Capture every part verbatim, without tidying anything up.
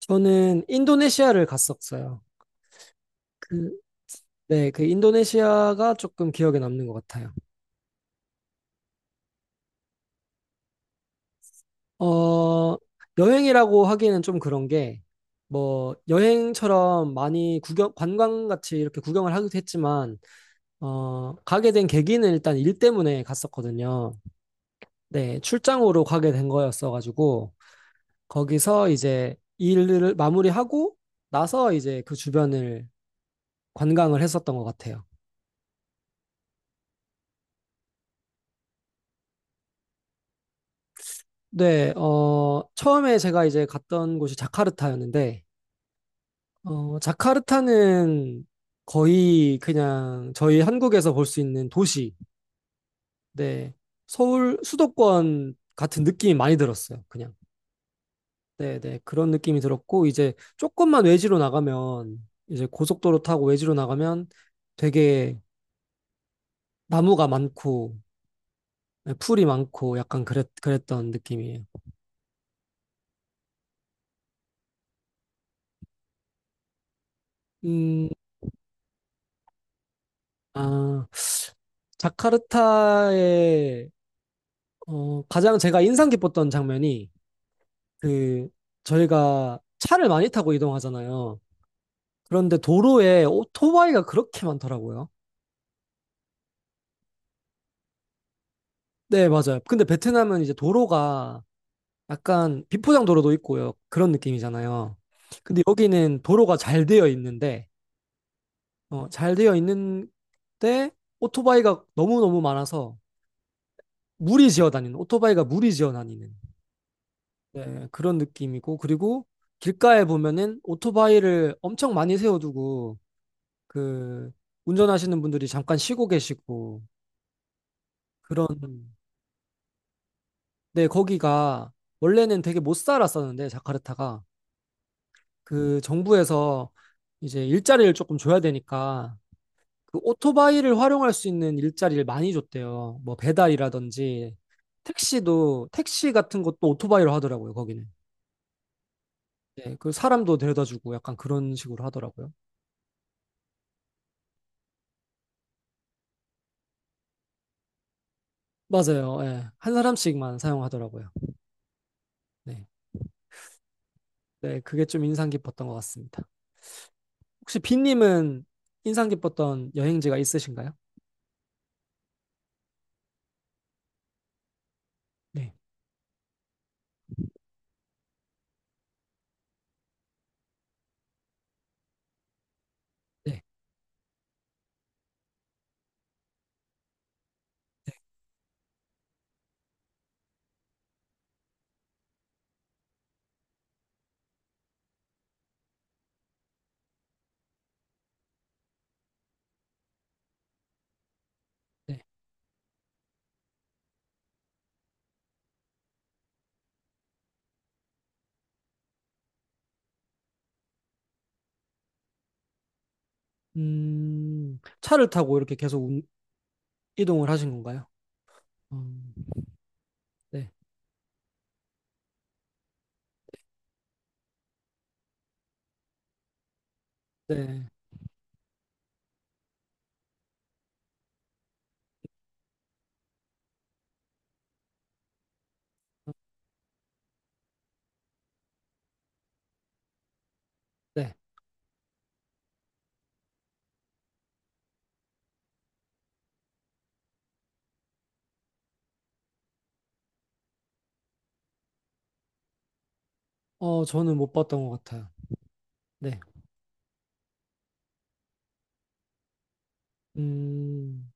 저는 인도네시아를 갔었어요. 그, 네, 그 인도네시아가 조금 기억에 남는 것 같아요. 어, 여행이라고 하기에는 좀 그런 게, 뭐, 여행처럼 많이 구경, 관광같이 이렇게 구경을 하기도 했지만, 어, 가게 된 계기는 일단 일 때문에 갔었거든요. 네, 출장으로 가게 된 거였어가지고, 거기서 이제 일을 마무리하고 나서 이제 그 주변을 관광을 했었던 것 같아요. 네, 어, 처음에 제가 이제 갔던 곳이 자카르타였는데, 어, 자카르타는 거의 그냥 저희 한국에서 볼 수 있는 도시, 네, 서울 수도권 같은 느낌이 많이 들었어요, 그냥. 네, 네, 그런 느낌이 들었고, 이제 조금만 외지로 나가면, 이제 고속도로 타고 외지로 나가면 되게 나무가 많고, 네, 풀이 많고, 약간 그랬, 그랬던 느낌이에요. 음, 아, 자카르타의 어, 가장 제가 인상 깊었던 장면이 그 저희가 차를 많이 타고 이동하잖아요. 그런데 도로에 오토바이가 그렇게 많더라고요. 네, 맞아요. 근데 베트남은 이제 도로가 약간 비포장 도로도 있고요. 그런 느낌이잖아요. 근데 여기는 도로가 잘 되어 있는데 어, 잘 되어 있는데 오토바이가 너무너무 많아서 무리 지어 다니는 오토바이가 무리 지어 다니는 네, 그런 느낌이고 그리고 길가에 보면은 오토바이를 엄청 많이 세워두고 그 운전하시는 분들이 잠깐 쉬고 계시고 그런 네, 거기가 원래는 되게 못 살았었는데 자카르타가 그 정부에서 이제 일자리를 조금 줘야 되니까 그 오토바이를 활용할 수 있는 일자리를 많이 줬대요. 뭐 배달이라든지 택시도 택시 같은 것도 오토바이로 하더라고요. 거기는. 네, 그 사람도 데려다 주고 약간 그런 식으로 하더라고요. 맞아요. 예. 한 사람씩만 사용하더라고요. 네. 네, 그게 좀 인상 깊었던 것 같습니다. 혹시 빈님은 인상 깊었던 여행지가 있으신가요? 네, 네, 네. 음, 차를 타고 이렇게 계속 운- 이동을 하신 건가요? 음, 네, 네, 네. 어, 저는 못 봤던 것 같아요. 네. 음,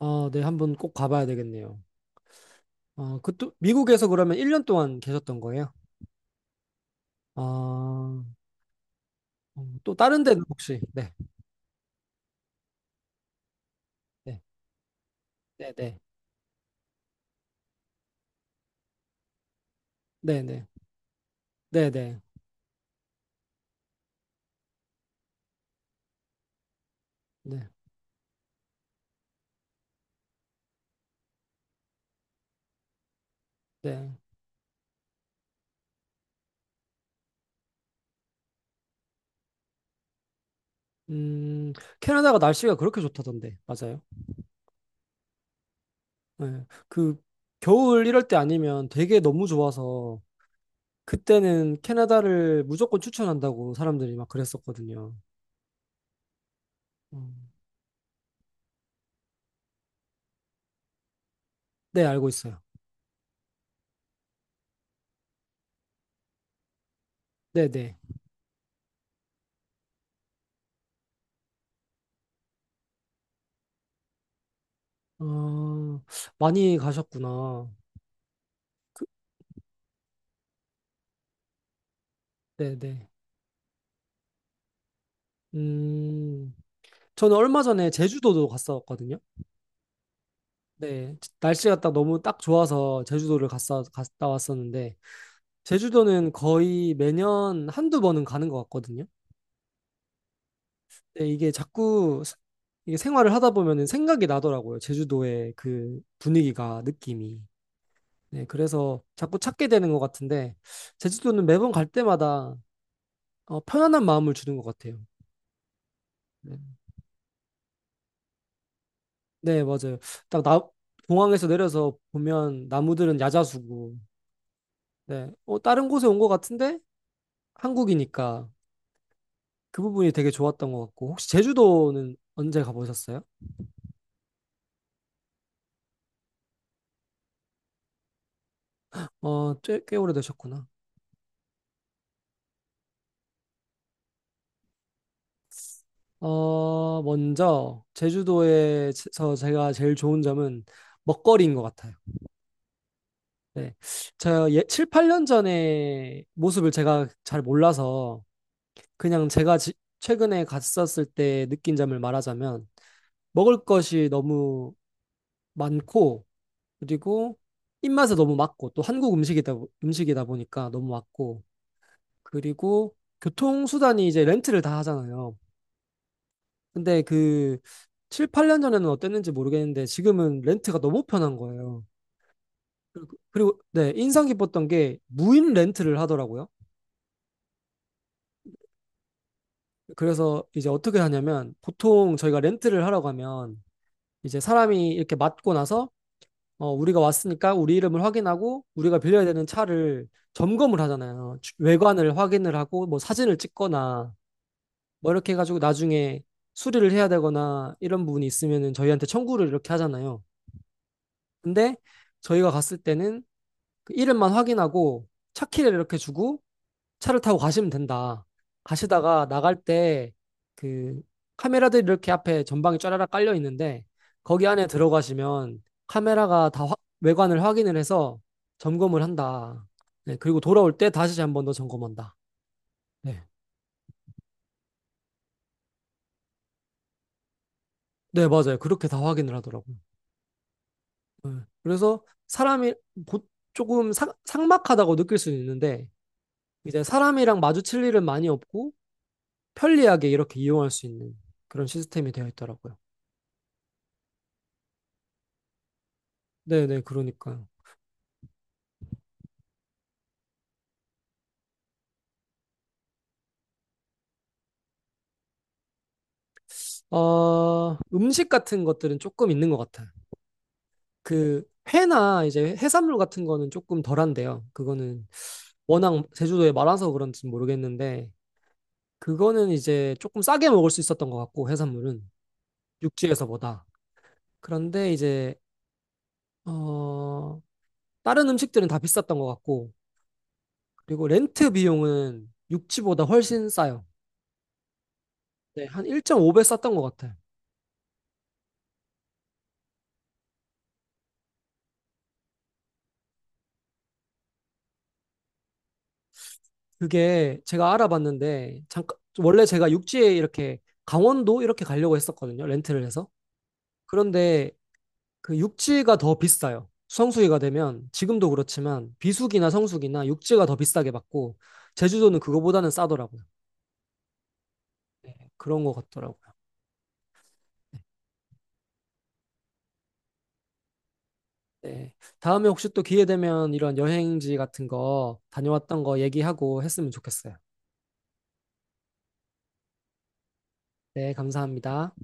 아, 네, 한번 꼭 가봐야 되겠네요. 아, 그, 또, 미국에서 그러면 일 년 동안 계셨던 거예요? 아, 음, 또 다른 데는 혹시? 네, 네, 네, 네, 네, 네, 네, 네, 네, 네. 음, 캐나다가 날씨가 그렇게 좋다던데, 맞아요? 네. 그 겨울 이럴 때 아니면 되게 너무 좋아서 그때는 캐나다를 무조건 추천한다고 사람들이 막 그랬었거든요. 음. 네, 알고 있어요. 네, 네. 어, 많이 가셨구나. 네, 네. 음, 저는 얼마 전에 제주도도 갔었거든요. 네, 날씨가 딱 너무 딱 좋아서 제주도를 갔다, 갔다 왔었는데 제주도는 거의 매년 한두 번은 가는 것 같거든요. 네, 이게 자꾸 스- 이게 생활을 하다 보면은 생각이 나더라고요. 제주도의 그 분위기가, 느낌이. 네, 그래서 자꾸 찾게 되는 것 같은데, 제주도는 매번 갈 때마다 어, 편안한 마음을 주는 것 같아요. 네, 네, 맞아요. 딱 나, 공항에서 내려서 보면 나무들은 야자수고, 네, 어, 다른 곳에 온 것 같은데 한국이니까 그 부분이 되게 좋았던 것 같고, 혹시 제주도는 언제 가보셨어요? 어, 꽤, 꽤 오래되셨구나. 어, 먼저 제주도에서 제가 제일 좋은 점은 먹거리인 것 같아요. 네. 저 예, 칠, 팔 년 전에 모습을 제가 잘 몰라서 그냥 제가 지- 최근에 갔었을 때 느낀 점을 말하자면 먹을 것이 너무 많고 그리고 입맛에 너무 맞고 또 한국 음식이다, 보- 음식이다 보니까 너무 맞고 그리고 교통수단이 이제 렌트를 다 하잖아요. 근데 그 칠, 팔 년 전에는 어땠는지 모르겠는데 지금은 렌트가 너무 편한 거예요. 그리고 네, 인상 깊었던 게 무인 렌트를 하더라고요. 그래서 이제 어떻게 하냐면 보통 저희가 렌트를 하러 가면 이제 사람이 이렇게 맞고 나서 어, 우리가 왔으니까 우리 이름을 확인하고 우리가 빌려야 되는 차를 점검을 하잖아요. 주- 외관을 확인을 하고 뭐 사진을 찍거나 뭐 이렇게 해가지고 나중에 수리를 해야 되거나 이런 부분이 있으면은 저희한테 청구를 이렇게 하잖아요. 근데 저희가 갔을 때는 그 이름만 확인하고 차키를 이렇게 주고 차를 타고 가시면 된다. 가시다가 나갈 때 그 카메라들이 이렇게 앞에 전방에 쫘라락 깔려 있는데 거기 안에 들어가시면 카메라가 다 화- 외관을 확인을 해서 점검을 한다. 네, 그리고 돌아올 때 다시 한 번 더 점검한다. 네. 네, 맞아요. 그렇게 다 확인을 하더라고요. 네. 그래서 사람이 보- 조금 삭- 삭막하다고 느낄 수는 있는데 이제 사람이랑 마주칠 일은 많이 없고 편리하게 이렇게 이용할 수 있는 그런 시스템이 되어 있더라고요. 네네, 그러니까. 어, 음식 같은 것들은 조금 있는 것 같아요. 그 회나 이제 해산물 같은 거는 조금 덜한데요. 그거는 워낙 제주도에 많아서 그런지 모르겠는데, 그거는 이제 조금 싸게 먹을 수 있었던 것 같고, 해산물은 육지에서보다. 그런데 이제, 어, 다른 음식들은 다 비쌌던 것 같고, 그리고 렌트 비용은 육지보다 훨씬 싸요. 네, 한 일 점 오 배 쌌던 것 같아요. 그게 제가 알아봤는데 잠깐 원래 제가 육지에 이렇게 강원도 이렇게 가려고 했었거든요. 렌트를 해서. 그런데 그 육지가 더 비싸요. 성수기가 되면 지금도 그렇지만 비수기나 성수기나 육지가 더 비싸게 받고 제주도는 그거보다는 싸더라고요. 그런 것 같더라고요. 네. 네. 다음에 혹시 또 기회 되면 이런 여행지 같은 거 다녀왔던 거 얘기하고 했으면 좋겠어요. 네, 감사합니다.